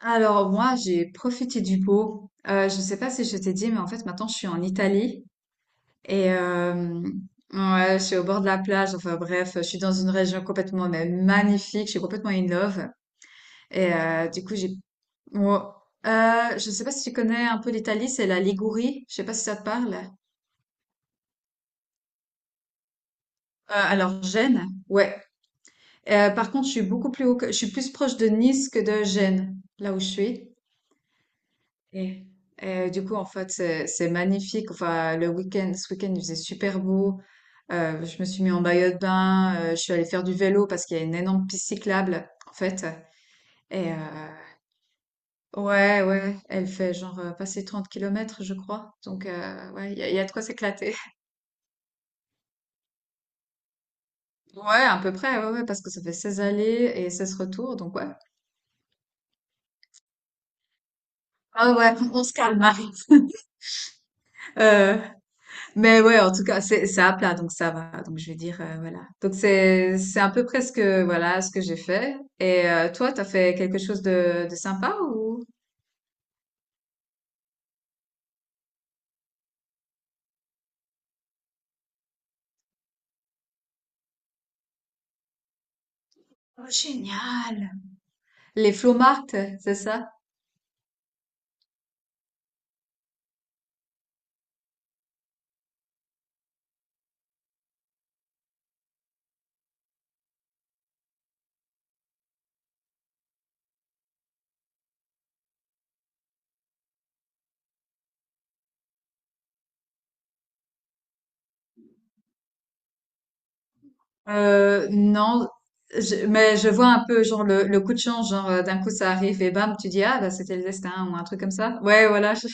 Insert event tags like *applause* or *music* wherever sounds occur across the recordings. Alors moi, j'ai profité du beau. Je ne sais pas si je t'ai dit, mais en fait, maintenant, je suis en Italie et ouais, je suis au bord de la plage. Enfin bref, je suis dans une région complètement mais magnifique. Je suis complètement in love. Et du coup, j'ai... ouais. Je ne sais pas si tu connais un peu l'Italie, c'est la Ligurie. Je sais pas si ça te parle. Alors Gênes, ouais. Par contre, je suis beaucoup plus haut que... je suis plus proche de Nice que de Gênes, là où je suis. Et, du coup, en fait, c'est magnifique. Enfin, le week-end, ce week-end, il faisait super beau. Je me suis mis en maillot de bain. Je suis allée faire du vélo parce qu'il y a une énorme piste cyclable, en fait. Et ouais, ouais, elle fait genre passer 30 kilomètres, je crois. Donc, ouais, il y a de quoi s'éclater. *laughs* Ouais, à peu près, ouais, ouais, parce que ça fait 16 allées et 16 retours. Donc, ouais. Ah ouais, on se calme. *laughs* Marie. Mais ouais, en tout cas, c'est à plat, donc ça va. Donc je vais dire, voilà. Donc c'est un peu presque voilà ce que j'ai fait. Et toi, t'as fait quelque chose de, sympa ou? Oh, génial! Les Flomarts, c'est ça? Non, mais je vois un peu genre le, coup de chance, genre d'un coup ça arrive et bam, tu dis ah bah c'était le destin ou un truc comme ça. Ouais, voilà.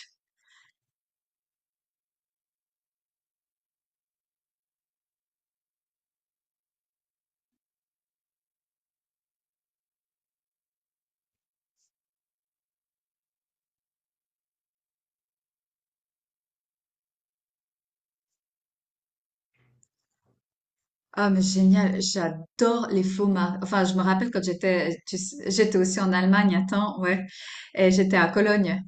Ah mais génial, j'adore les faux maris. Enfin, je me rappelle quand j'étais, tu sais, j'étais aussi en Allemagne un temps, ouais, et j'étais à Cologne.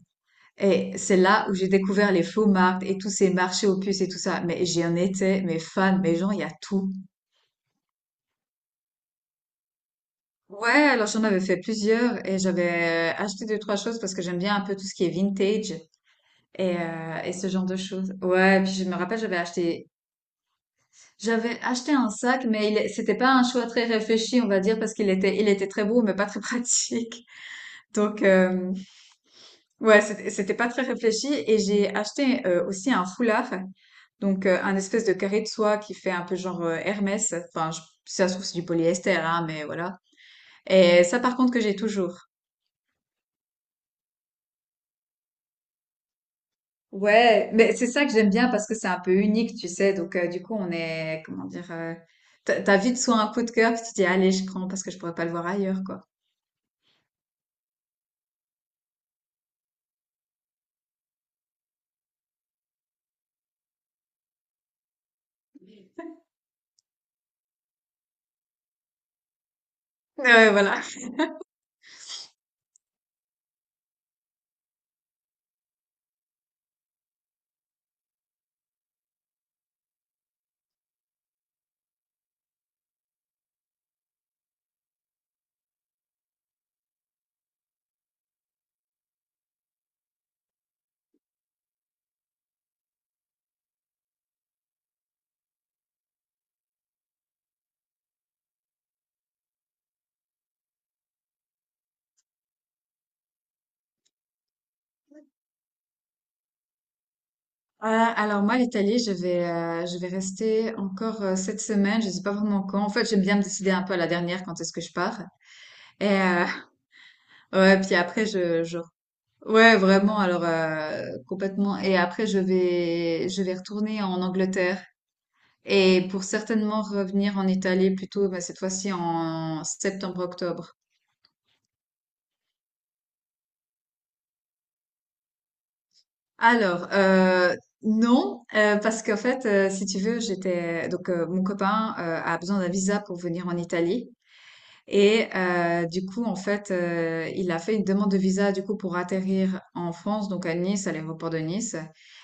Et c'est là où j'ai découvert les faux marques et tous ces marchés aux puces et tout ça. Mais j'en étais, mais fan, mais genre il y a tout. Ouais, alors j'en avais fait plusieurs et j'avais acheté deux, trois choses parce que j'aime bien un peu tout ce qui est vintage. Et ce genre de choses. Ouais, puis je me rappelle, j'avais acheté un sac, mais c'était pas un choix très réfléchi, on va dire, parce qu'il était très beau, mais pas très *laughs* pratique. Donc, ouais, c'était pas très réfléchi. Et j'ai acheté aussi un foulard, donc un espèce de carré de soie qui fait un peu genre Hermès. Enfin, si ça se trouve, c'est du polyester, hein, mais voilà. Et ça, par contre, que j'ai toujours. Ouais, mais c'est ça que j'aime bien parce que c'est un peu unique, tu sais. Donc, du coup, on est, comment dire, t'as vite soit un coup de cœur, puis tu te dis, allez, je prends parce que je pourrais pas le voir ailleurs, quoi. Ouais, voilà. Euh, alors moi, l'Italie, je vais rester encore cette semaine. Je sais pas vraiment quand. En fait, j'aime bien me décider un peu à la dernière quand est-ce que je pars. Et *laughs* ouais, puis après, ouais, vraiment. Alors complètement. Et après, je vais retourner en Angleterre. Et pour certainement revenir en Italie plutôt, bah, cette fois-ci en septembre-octobre. Alors, non, parce qu'en fait, si tu veux, j'étais donc mon copain a besoin d'un visa pour venir en Italie. Et du coup, en fait, il a fait une demande de visa du coup pour atterrir en France, donc à Nice, à l'aéroport de Nice.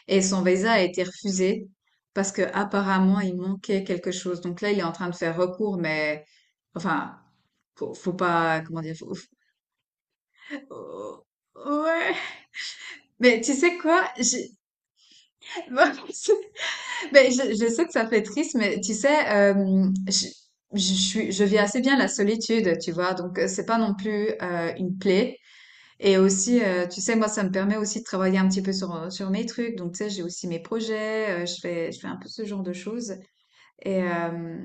Et son visa a été refusé parce que apparemment il manquait quelque chose. Donc là, il est en train de faire recours, mais enfin, faut pas, comment dire, faut- ouais. Mais tu sais quoi? *laughs* Mais je sais que ça fait triste, mais tu sais, je vis assez bien la solitude, tu vois. Donc c'est pas non plus une plaie. Et aussi, tu sais, moi, ça me permet aussi de travailler un petit peu sur, sur mes trucs. Donc, tu sais, j'ai aussi mes projets, je fais un peu ce genre de choses. Et, euh,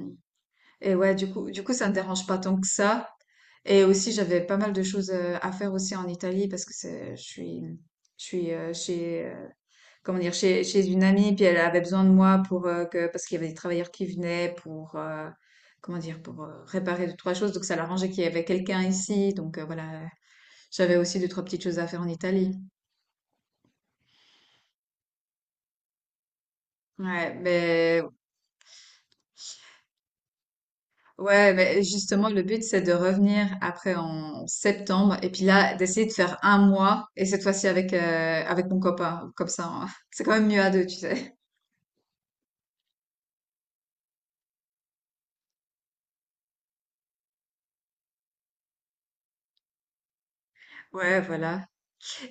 et ouais, du coup, ça ne me dérange pas tant que ça. Et aussi, j'avais pas mal de choses à faire aussi en Italie parce que je suis chez, comment dire, chez, une amie, puis elle avait besoin de moi pour parce qu'il y avait des travailleurs qui venaient pour, comment dire, pour réparer deux, trois choses. Donc, ça l'arrangeait qu'il y avait quelqu'un ici. Donc, voilà, j'avais aussi deux, trois petites choses à faire en Italie. Ouais, ouais, mais justement, le but, c'est de revenir après en septembre et puis là, d'essayer de faire un mois et cette fois-ci avec, avec mon copain. Comme ça, *laughs* c'est quand même mieux à deux, tu sais. Ouais, voilà.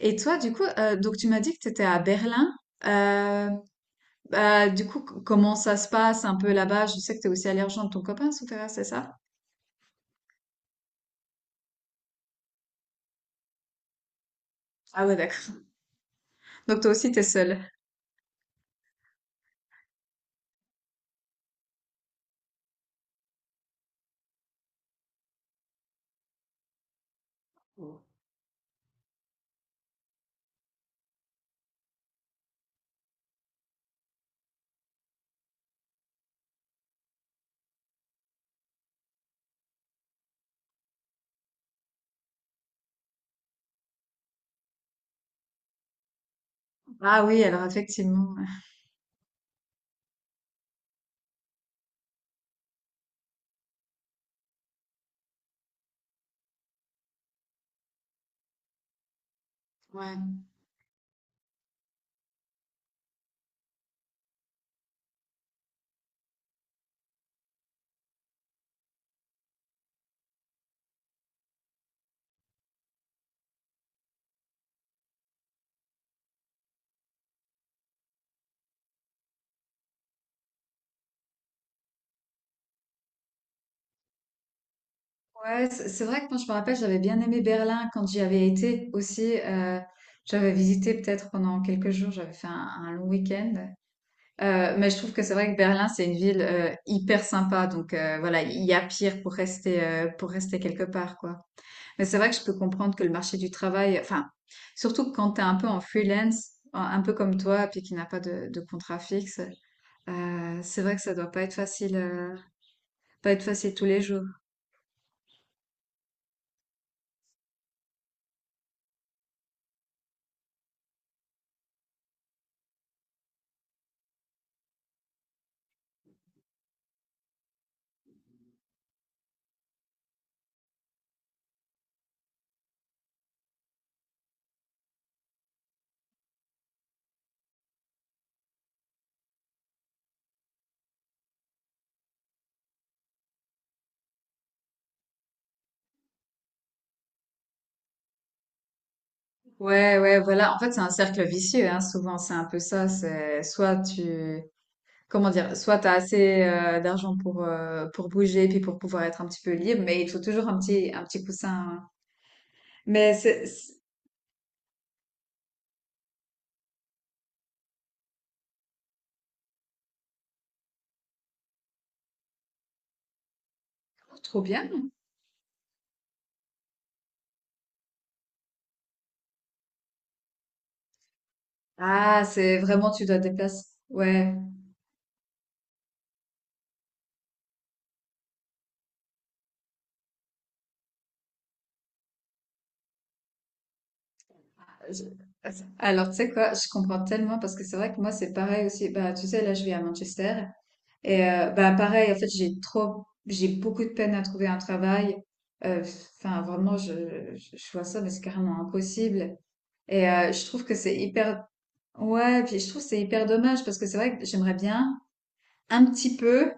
Et toi, du coup, donc tu m'as dit que tu étais à Berlin. Euh, Bah, du coup, comment ça se passe un peu là-bas? Je sais que tu es aussi allé rejoindre ton copain, Souterrain, c'est ça? Ah ouais, d'accord. Donc toi aussi, tu es seule. Ah oui, alors effectivement. Ouais. Ouais, c'est vrai que moi, je me rappelle, j'avais bien aimé Berlin quand j'y avais été aussi. J'avais visité peut-être pendant quelques jours, j'avais fait un long week-end. Mais je trouve que c'est vrai que Berlin, c'est une ville hyper sympa. Donc voilà, il y a pire pour rester quelque part, quoi. Mais c'est vrai que je peux comprendre que le marché du travail, enfin, surtout que quand t'es un peu en freelance, un peu comme toi, puis qui n'a pas de, contrat fixe, c'est vrai que ça doit pas être facile, pas être facile tous les jours. Ouais, ouais, voilà. En fait, c'est un cercle vicieux, hein. Souvent, c'est un peu ça. Comment dire, soit t'as assez d'argent pour bouger, puis pour pouvoir être un petit peu libre, mais il te faut toujours un petit coussin. Hein. Mais oh, trop bien. Ah, c'est vraiment tu dois te déplacer. Ouais. Je- Alors, tu sais quoi, je comprends tellement parce que c'est vrai que moi, c'est pareil aussi. Bah, tu sais, là, je vis à Manchester. Et bah pareil, en fait, j'ai beaucoup de peine à trouver un travail. Euh, Enfin, vraiment, je vois ça, mais c'est carrément impossible. Et je trouve que c'est hyper, ouais, puis je trouve que c'est hyper dommage parce que c'est vrai que j'aimerais bien un petit peu.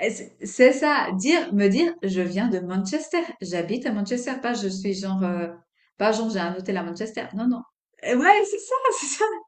Et c'est ça, me dire, je viens de Manchester, j'habite à Manchester, pas je suis genre, pas genre j'ai un hôtel à Manchester. Non, non. Et ouais, c'est ça, *laughs*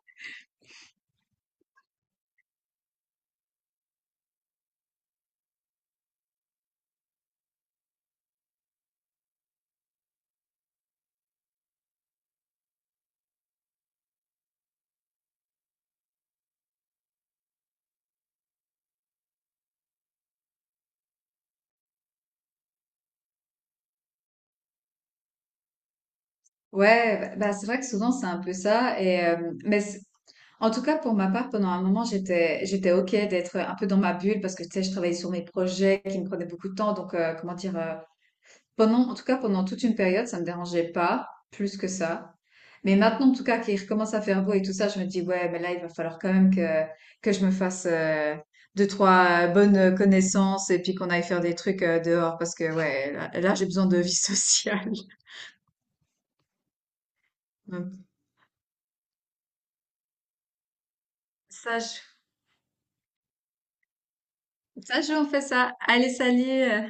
Ouais, bah, c'est vrai que souvent c'est un peu ça. Et, en tout cas, pour ma part, pendant un moment, j'étais OK d'être un peu dans ma bulle parce que tu sais, je travaillais sur mes projets qui me prenaient beaucoup de temps. Donc, comment dire, en tout cas, pendant toute une période, ça me dérangeait pas plus que ça. Mais maintenant, en tout cas, qu'il recommence à faire beau et tout ça, je me dis, ouais, mais là, il va falloir quand même que je me fasse deux, trois bonnes connaissances et puis qu'on aille faire des trucs dehors parce que, ouais, là, j'ai besoin de vie sociale. *laughs* Donc, Ça, je, ça, je, on fait ça. Allez, salut! euh.